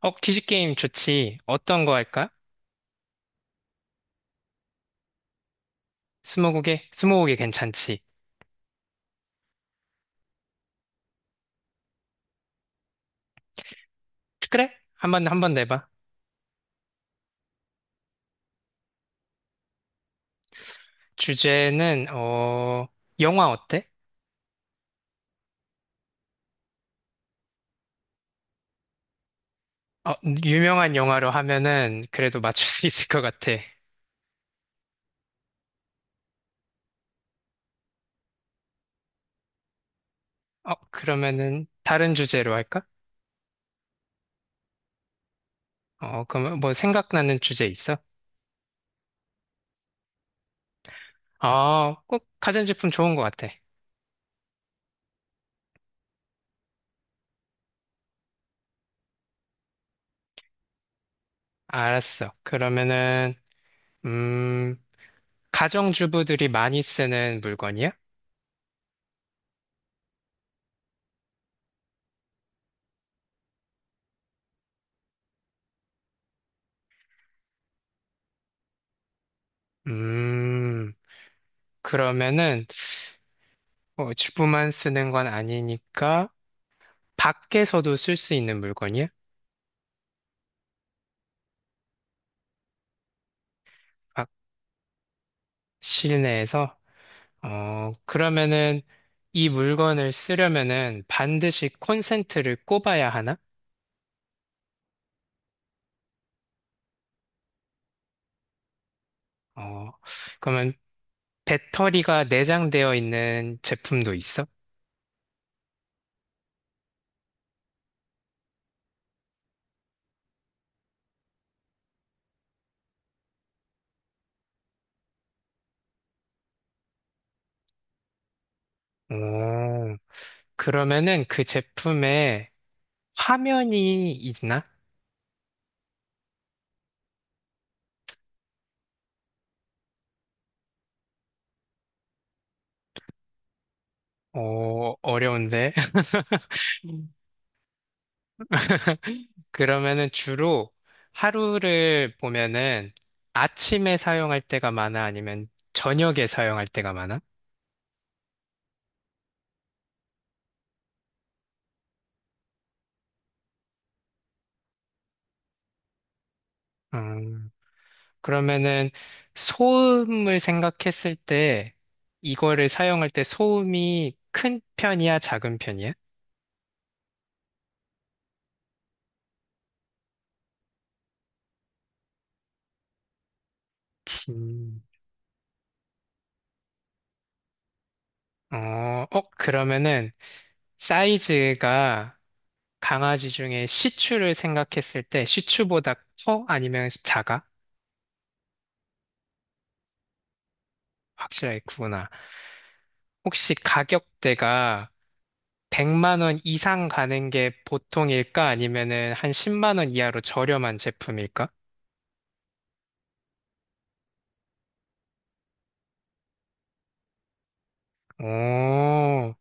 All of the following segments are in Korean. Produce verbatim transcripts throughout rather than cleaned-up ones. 어, 퀴즈 게임 좋지. 어떤 거 할까? 스무고개? 스무고개 괜찮지. 그래? 한번, 한번 내봐. 주제는, 어, 영화 어때? 어, 유명한 영화로 하면은 그래도 맞출 수 있을 것 같아. 어, 그러면은 다른 주제로 할까? 어, 그럼 뭐 생각나는 주제 있어? 어, 꼭 가전제품 좋은 것 같아. 알았어. 그러면은, 음, 가정주부들이 많이 쓰는 물건이야? 음, 그러면은, 어, 주부만 쓰는 건 아니니까 밖에서도 쓸 수 있는 물건이야? 밖 실내에서? 어, 그러면은 이 물건을 쓰려면은 반드시 콘센트를 꼽아야 하나? 어, 그러면 배터리가 내장되어 있는 제품도 있어? 오, 그러면은 그 제품에 화면이 있나? 어, 어려운데. 그러면은 주로 하루를 보면은 아침에 사용할 때가 많아? 아니면 저녁에 사용할 때가 많아? 음, 그러면은 소음을 생각했을 때 이거를 사용할 때 소음이 큰 편이야? 작은 편이야? 음, 어, 어, 그러면은 사이즈가 강아지 중에 시츄를 생각했을 때 시츄보다 커? 아니면 작아? 확실하게 구나. 혹시 가격대가 백만 원 이상 가는 게 보통일까? 아니면은 한 십만 원 이하로 저렴한 제품일까? 오,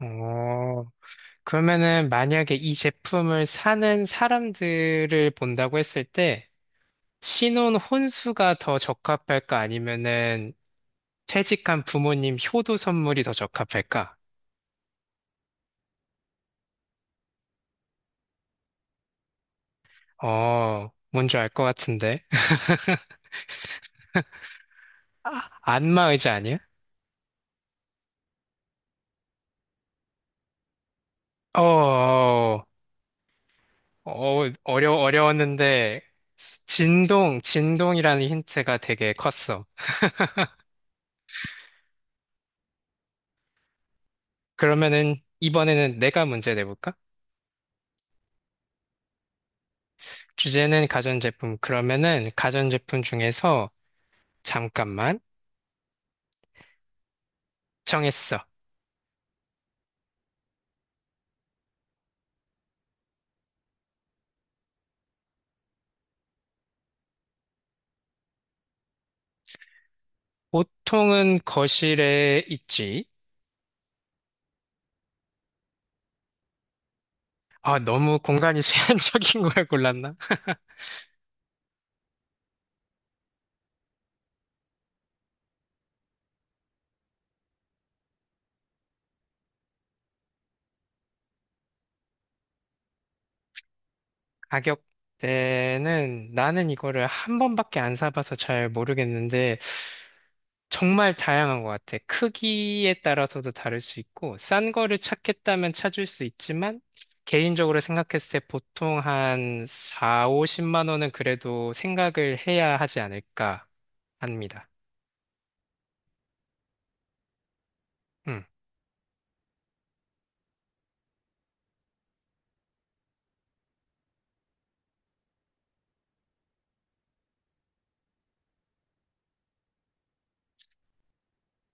오. 그러면은 만약에 이 제품을 사는 사람들을 본다고 했을 때 신혼 혼수가 더 적합할까? 아니면은 퇴직한 부모님 효도 선물이 더 적합할까? 어, 뭔지 알 것 같은데. 아, 안마 의자 아니야? 어, 어, 어, 어려, 어려웠는데, 진동, 진동이라는 힌트가 되게 컸어. 그러면은, 이번에는 내가 문제 내볼까? 주제는 가전제품. 그러면은, 가전제품 중에서, 잠깐만, 정했어. 보통은 거실에 있지. 아, 너무 공간이 제한적인 걸 골랐나? 가격대는, 나는 이거를 한 번밖에 안 사봐서 잘 모르겠는데, 정말 다양한 것 같아. 크기에 따라서도 다를 수 있고, 싼 거를 찾겠다면 찾을 수 있지만, 개인적으로 생각했을 때 보통 한 사, 오십만 원은 그래도 생각을 해야 하지 않을까 합니다. 음.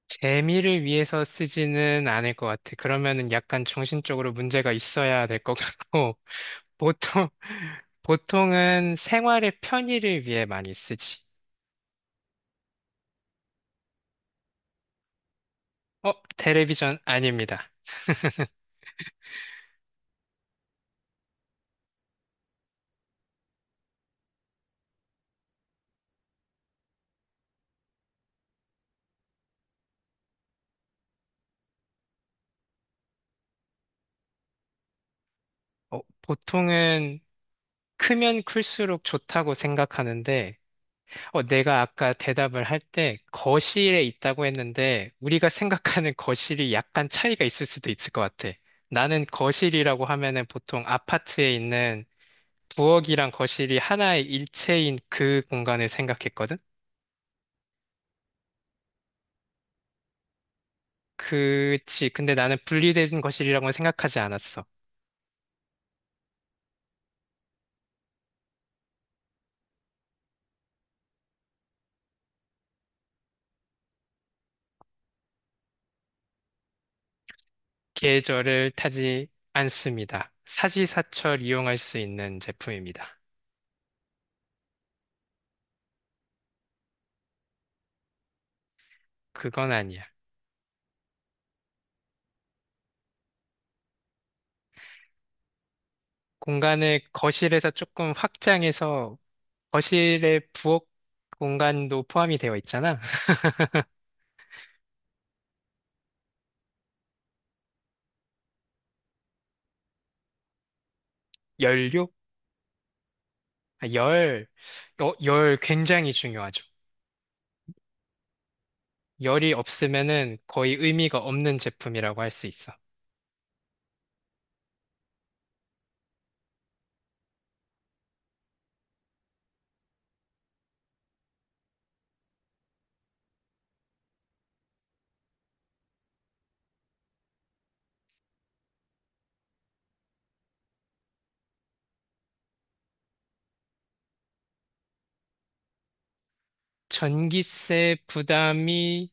재미를 위해서 쓰지는 않을 것 같아. 그러면은 약간 정신적으로 문제가 있어야 될 것 같고, 보통, 보통은 생활의 편의를 위해 많이 쓰지. 어, 텔레비전 아닙니다. 어, 보통은 크면 클수록 좋다고 생각하는데, 어, 내가 아까 대답을 할 때 거실에 있다고 했는데, 우리가 생각하는 거실이 약간 차이가 있을 수도 있을 것 같아. 나는 거실이라고 하면은 보통 아파트에 있는 부엌이랑 거실이 하나의 일체인 그 공간을 생각했거든? 그치. 근데 나는 분리된 거실이라고는 생각하지 않았어. 계절을 타지 않습니다. 사시사철 이용할 수 있는 제품입니다. 그건 아니야. 공간을 거실에서 조금 확장해서 거실의 부엌 공간도 포함이 되어 있잖아. 열료? 아, 열, 어, 열 굉장히 중요하죠. 열이 없으면은 거의 의미가 없는 제품이라고 할 수 있어. 전기세 부담이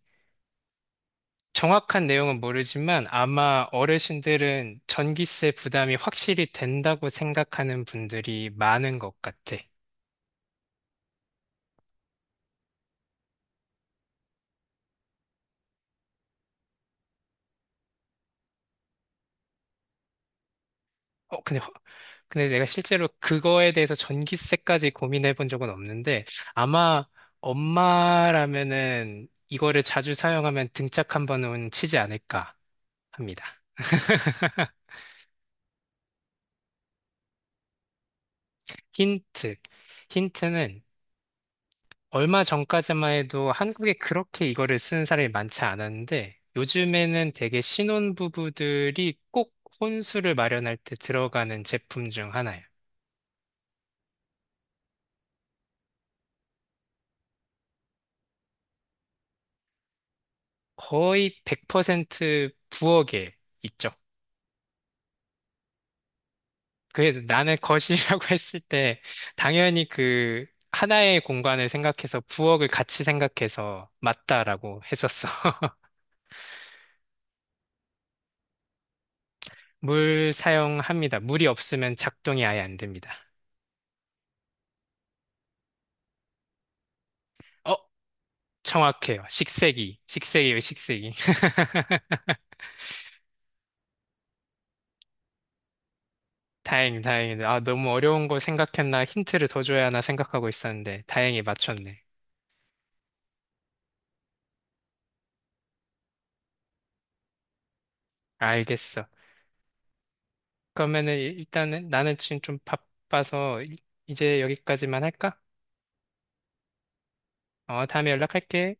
정확한 내용은 모르지만 아마 어르신들은 전기세 부담이 확실히 된다고 생각하는 분들이 많은 것 같아. 어, 근데, 화- 근데 내가 실제로 그거에 대해서 전기세까지 고민해 본 적은 없는데, 아마 엄마라면은 이거를 자주 사용하면 등짝 한 번은 치지 않을까 합니다. 힌트. 힌트는 얼마 전까지만 해도 한국에 그렇게 이거를 쓰는 사람이 많지 않았는데, 요즘에는 되게 신혼부부들이 꼭 혼수를 마련할 때 들어가는 제품 중 하나예요. 거의 백 퍼센트 부엌에 있죠. 그 나는 거실이라고 했을 때 당연히 그 하나의 공간을 생각해서 부엌을 같이 생각해서 맞다라고 했었어. 물 사용합니다. 물이 없으면 작동이 아예 안 됩니다. 어, 정확해요. 식세기. 식세기요, 식세기. 다행, 다행. 아, 너무 어려운 거 생각했나 힌트를 더 줘야 하나 생각하고 있었는데 다행히 맞췄네. 알겠어. 그러면은 일- 일단은 나는 지금 좀 바빠서 이- 이제 여기까지만 할까? 어, 다음에 연락할게.